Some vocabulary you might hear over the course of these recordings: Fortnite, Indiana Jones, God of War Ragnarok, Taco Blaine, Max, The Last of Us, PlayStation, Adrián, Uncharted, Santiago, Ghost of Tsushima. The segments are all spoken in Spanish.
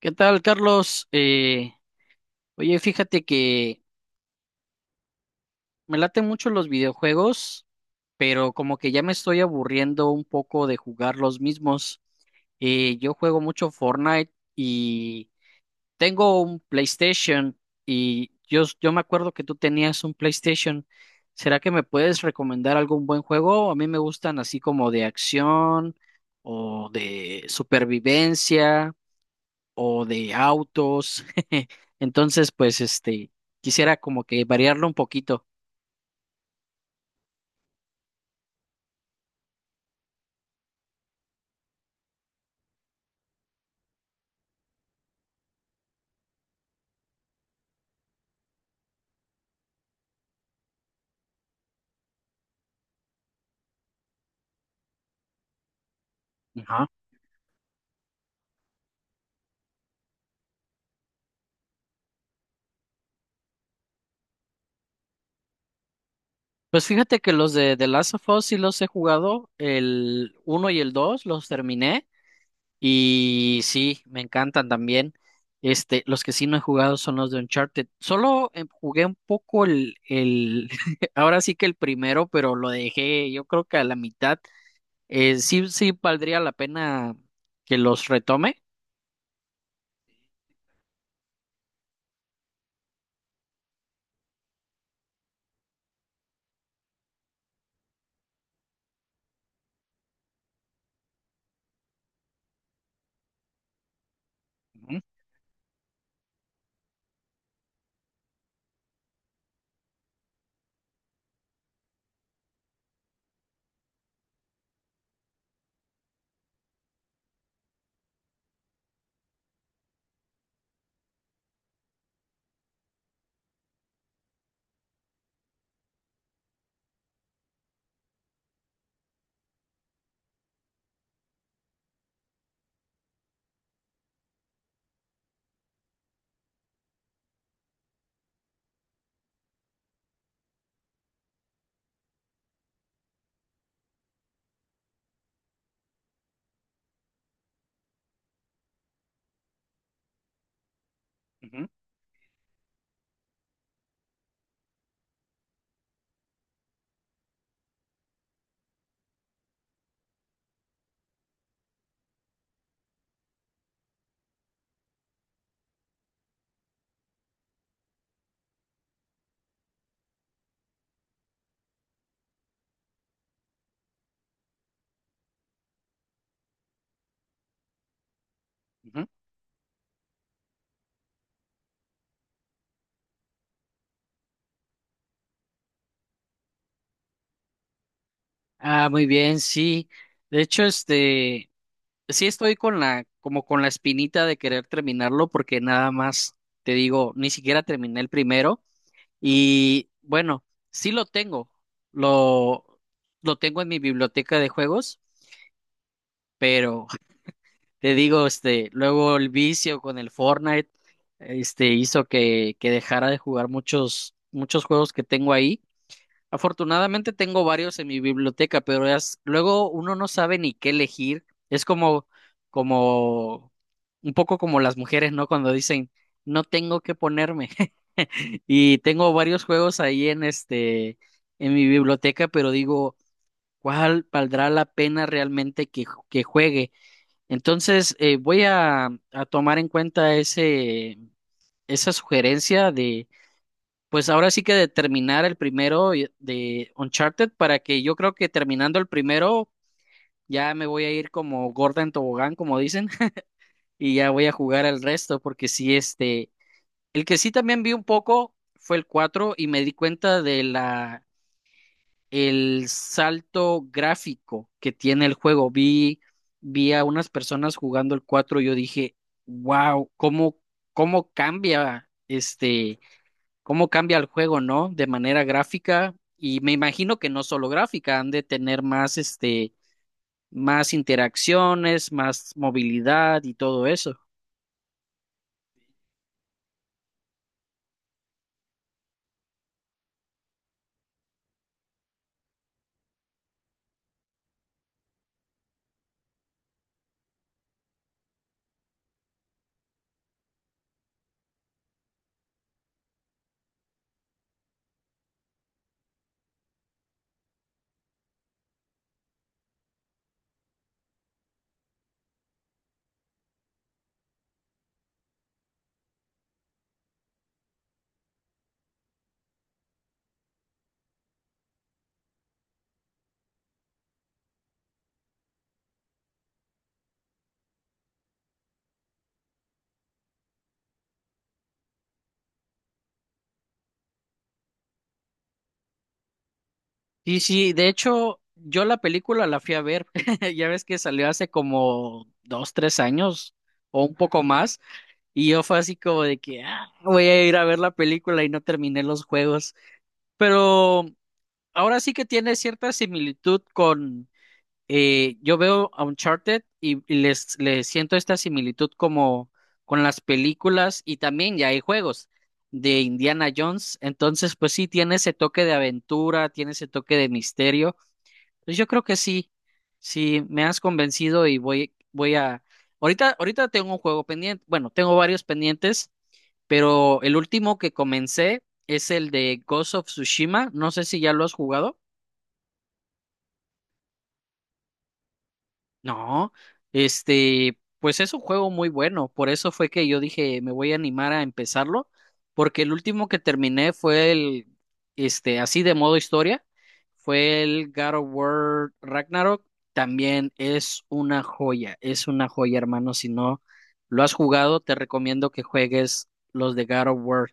¿Qué tal, Carlos? Oye, fíjate que me laten mucho los videojuegos, pero como que ya me estoy aburriendo un poco de jugar los mismos. Yo juego mucho Fortnite y tengo un PlayStation y yo me acuerdo que tú tenías un PlayStation. ¿Será que me puedes recomendar algún buen juego? A mí me gustan así como de acción o de supervivencia, o de autos. Entonces, pues este, quisiera como que variarlo un poquito. Ajá. Pues fíjate que los de The Last of Us sí los he jugado, el uno y el 2 los terminé y sí, me encantan también. Este, los que sí no he jugado son los de Uncharted. Solo jugué un poco ahora sí que el primero, pero lo dejé yo creo que a la mitad. Sí, sí valdría la pena que los retome. Ujú, ujú, ujú. Ah, muy bien, sí. De hecho, este, sí estoy como con la espinita de querer terminarlo, porque nada más te digo, ni siquiera terminé el primero. Y bueno, sí lo tengo. Lo, lo tengo en mi biblioteca de juegos, pero te digo, este, luego el vicio con el Fortnite, este, hizo que dejara de jugar muchos, muchos juegos que tengo ahí. Afortunadamente tengo varios en mi biblioteca, pero luego uno no sabe ni qué elegir. Es como, un poco como las mujeres, ¿no? Cuando dicen, no tengo qué ponerme. Y tengo varios juegos ahí en mi biblioteca, pero digo, ¿cuál valdrá la pena realmente que juegue? Entonces, voy a tomar en cuenta esa sugerencia, pues ahora sí que de terminar el primero de Uncharted, para que yo creo que terminando el primero ya me voy a ir como gorda en tobogán, como dicen, y ya voy a jugar al resto porque sí, este, el que sí también vi un poco fue el 4 y me di cuenta de la el salto gráfico que tiene el juego. Vi a unas personas jugando el 4 y yo dije, "Wow, cómo cambia este cómo cambia el juego, ¿no? De manera gráfica, y me imagino que no solo gráfica, han de tener más, este, más interacciones, más movilidad y todo eso. Sí, sí, de hecho, yo la película la fui a ver, ya ves que salió hace como dos, tres años o un poco más, y yo fue así como de que "Ah, voy a ir a ver la película y no terminé los juegos, pero ahora sí que tiene cierta similitud, yo veo a Uncharted y les siento esta similitud como con las películas, y también ya hay juegos de Indiana Jones, entonces pues sí, tiene ese toque de aventura, tiene ese toque de misterio. Pues yo creo que sí, sí, me has convencido y Ahorita, ahorita tengo un juego pendiente, bueno, tengo varios pendientes, pero el último que comencé es el de Ghost of Tsushima, no sé si ya lo has jugado. No, este, pues es un juego muy bueno, por eso fue que yo dije, me voy a animar a empezarlo, porque el último que terminé fue el, este, así de modo historia, fue el God of War Ragnarok, también es una joya, hermano, si no lo has jugado, te recomiendo que juegues los de God of War.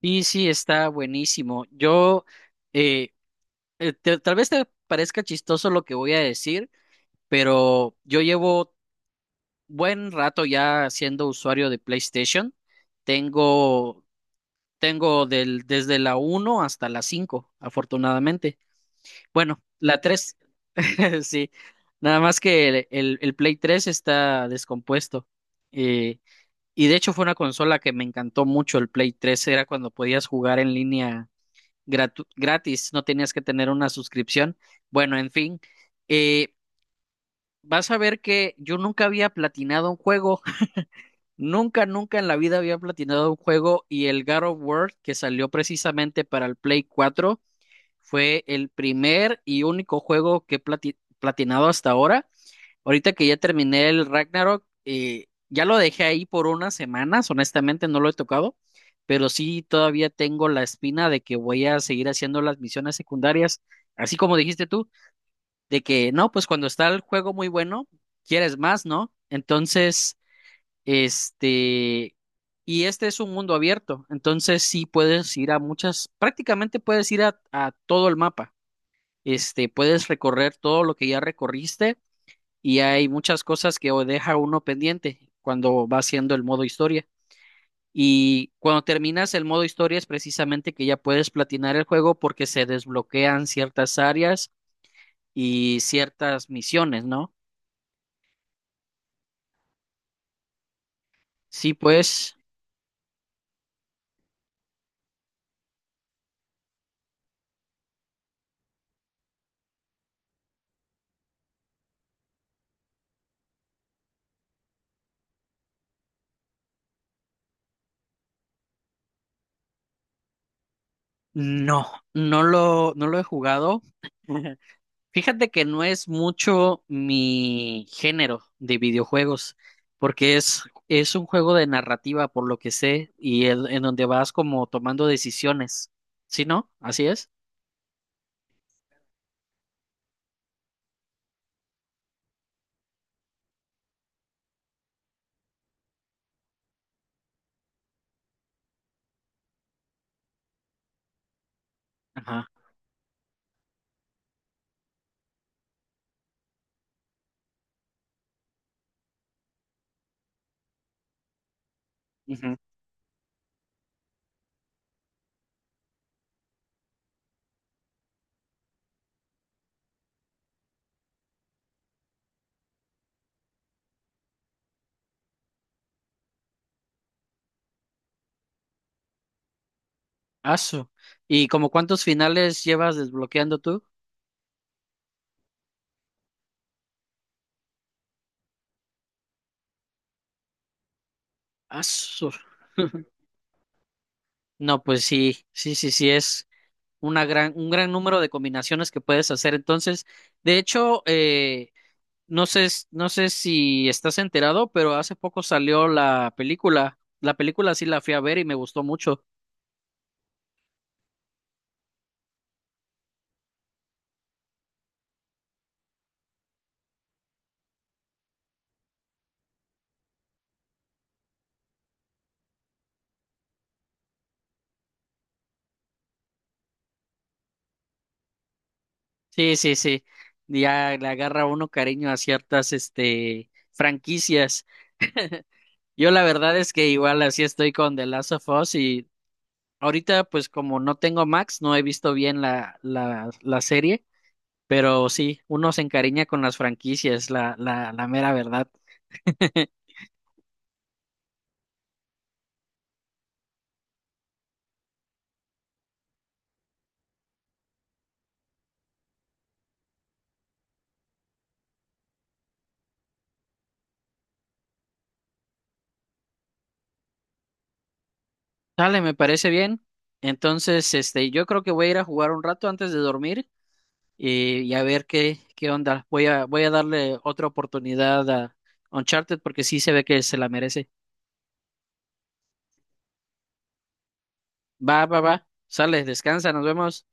Y sí, está buenísimo. Eh, tal vez te parezca chistoso lo que voy a decir, pero yo llevo buen rato ya siendo usuario de PlayStation. Tengo, tengo desde la uno hasta la 5 afortunadamente. Bueno, la 3 sí. Nada más que el Play tres está descompuesto. Eh, y de hecho fue una consola que me encantó mucho el Play tres. Era cuando podías jugar en línea gratis, no tenías que tener una suscripción. Bueno, en fin. eh, vas a ver que yo nunca había platinado un juego. Nunca, nunca en la vida había platinado un juego, y el God of War que salió precisamente para el Play cuatro fue el primer y único juego que he platinado hasta ahora. Ahorita que ya terminé el Ragnarok, ya lo dejé ahí por unas semanas, honestamente no lo he tocado, pero sí todavía tengo la espina de que voy a seguir haciendo las misiones secundarias, así como dijiste tú, de que no, pues cuando está el juego muy bueno, quieres más, ¿no? Entonces. Este, y este es un mundo abierto, entonces sí puedes ir a muchas, prácticamente puedes ir a todo el mapa. Este, puedes recorrer todo lo que ya recorriste, y hay muchas cosas que o deja uno pendiente cuando va haciendo el modo historia. Y cuando terminas el modo historia es precisamente que ya puedes platinar el juego, porque se desbloquean ciertas áreas y ciertas misiones, ¿no? Sí, pues no, no lo he jugado. Fíjate que no es mucho mi género de videojuegos, porque es un juego de narrativa, por lo que sé, y en donde vas como tomando decisiones. ¿Sí, no? ¿Así es? Ajá. Ujú. Asu. ¿Y como cuántos finales llevas desbloqueando tú? Asu. No, pues sí, sí, sí, sí, es un gran número de combinaciones que puedes hacer. Entonces, de hecho, no sé si estás enterado, pero hace poco salió la película. La película sí la fui a ver y me gustó mucho. Sí, sí, sí. Ya le agarra uno cariño a ciertas, este, franquicias. Yo la verdad es que igual así estoy con The Last of Us, y ahorita pues como no tengo Max, no he visto bien la serie, pero sí, uno se encariña con las franquicias, la mera verdad. Dale, me parece bien. Entonces, este, yo creo que voy a ir a jugar un rato antes de dormir, y a ver qué onda. Voy a darle otra oportunidad a Uncharted porque sí se ve que se la merece. Va, va, va. Sale, descansa, nos vemos.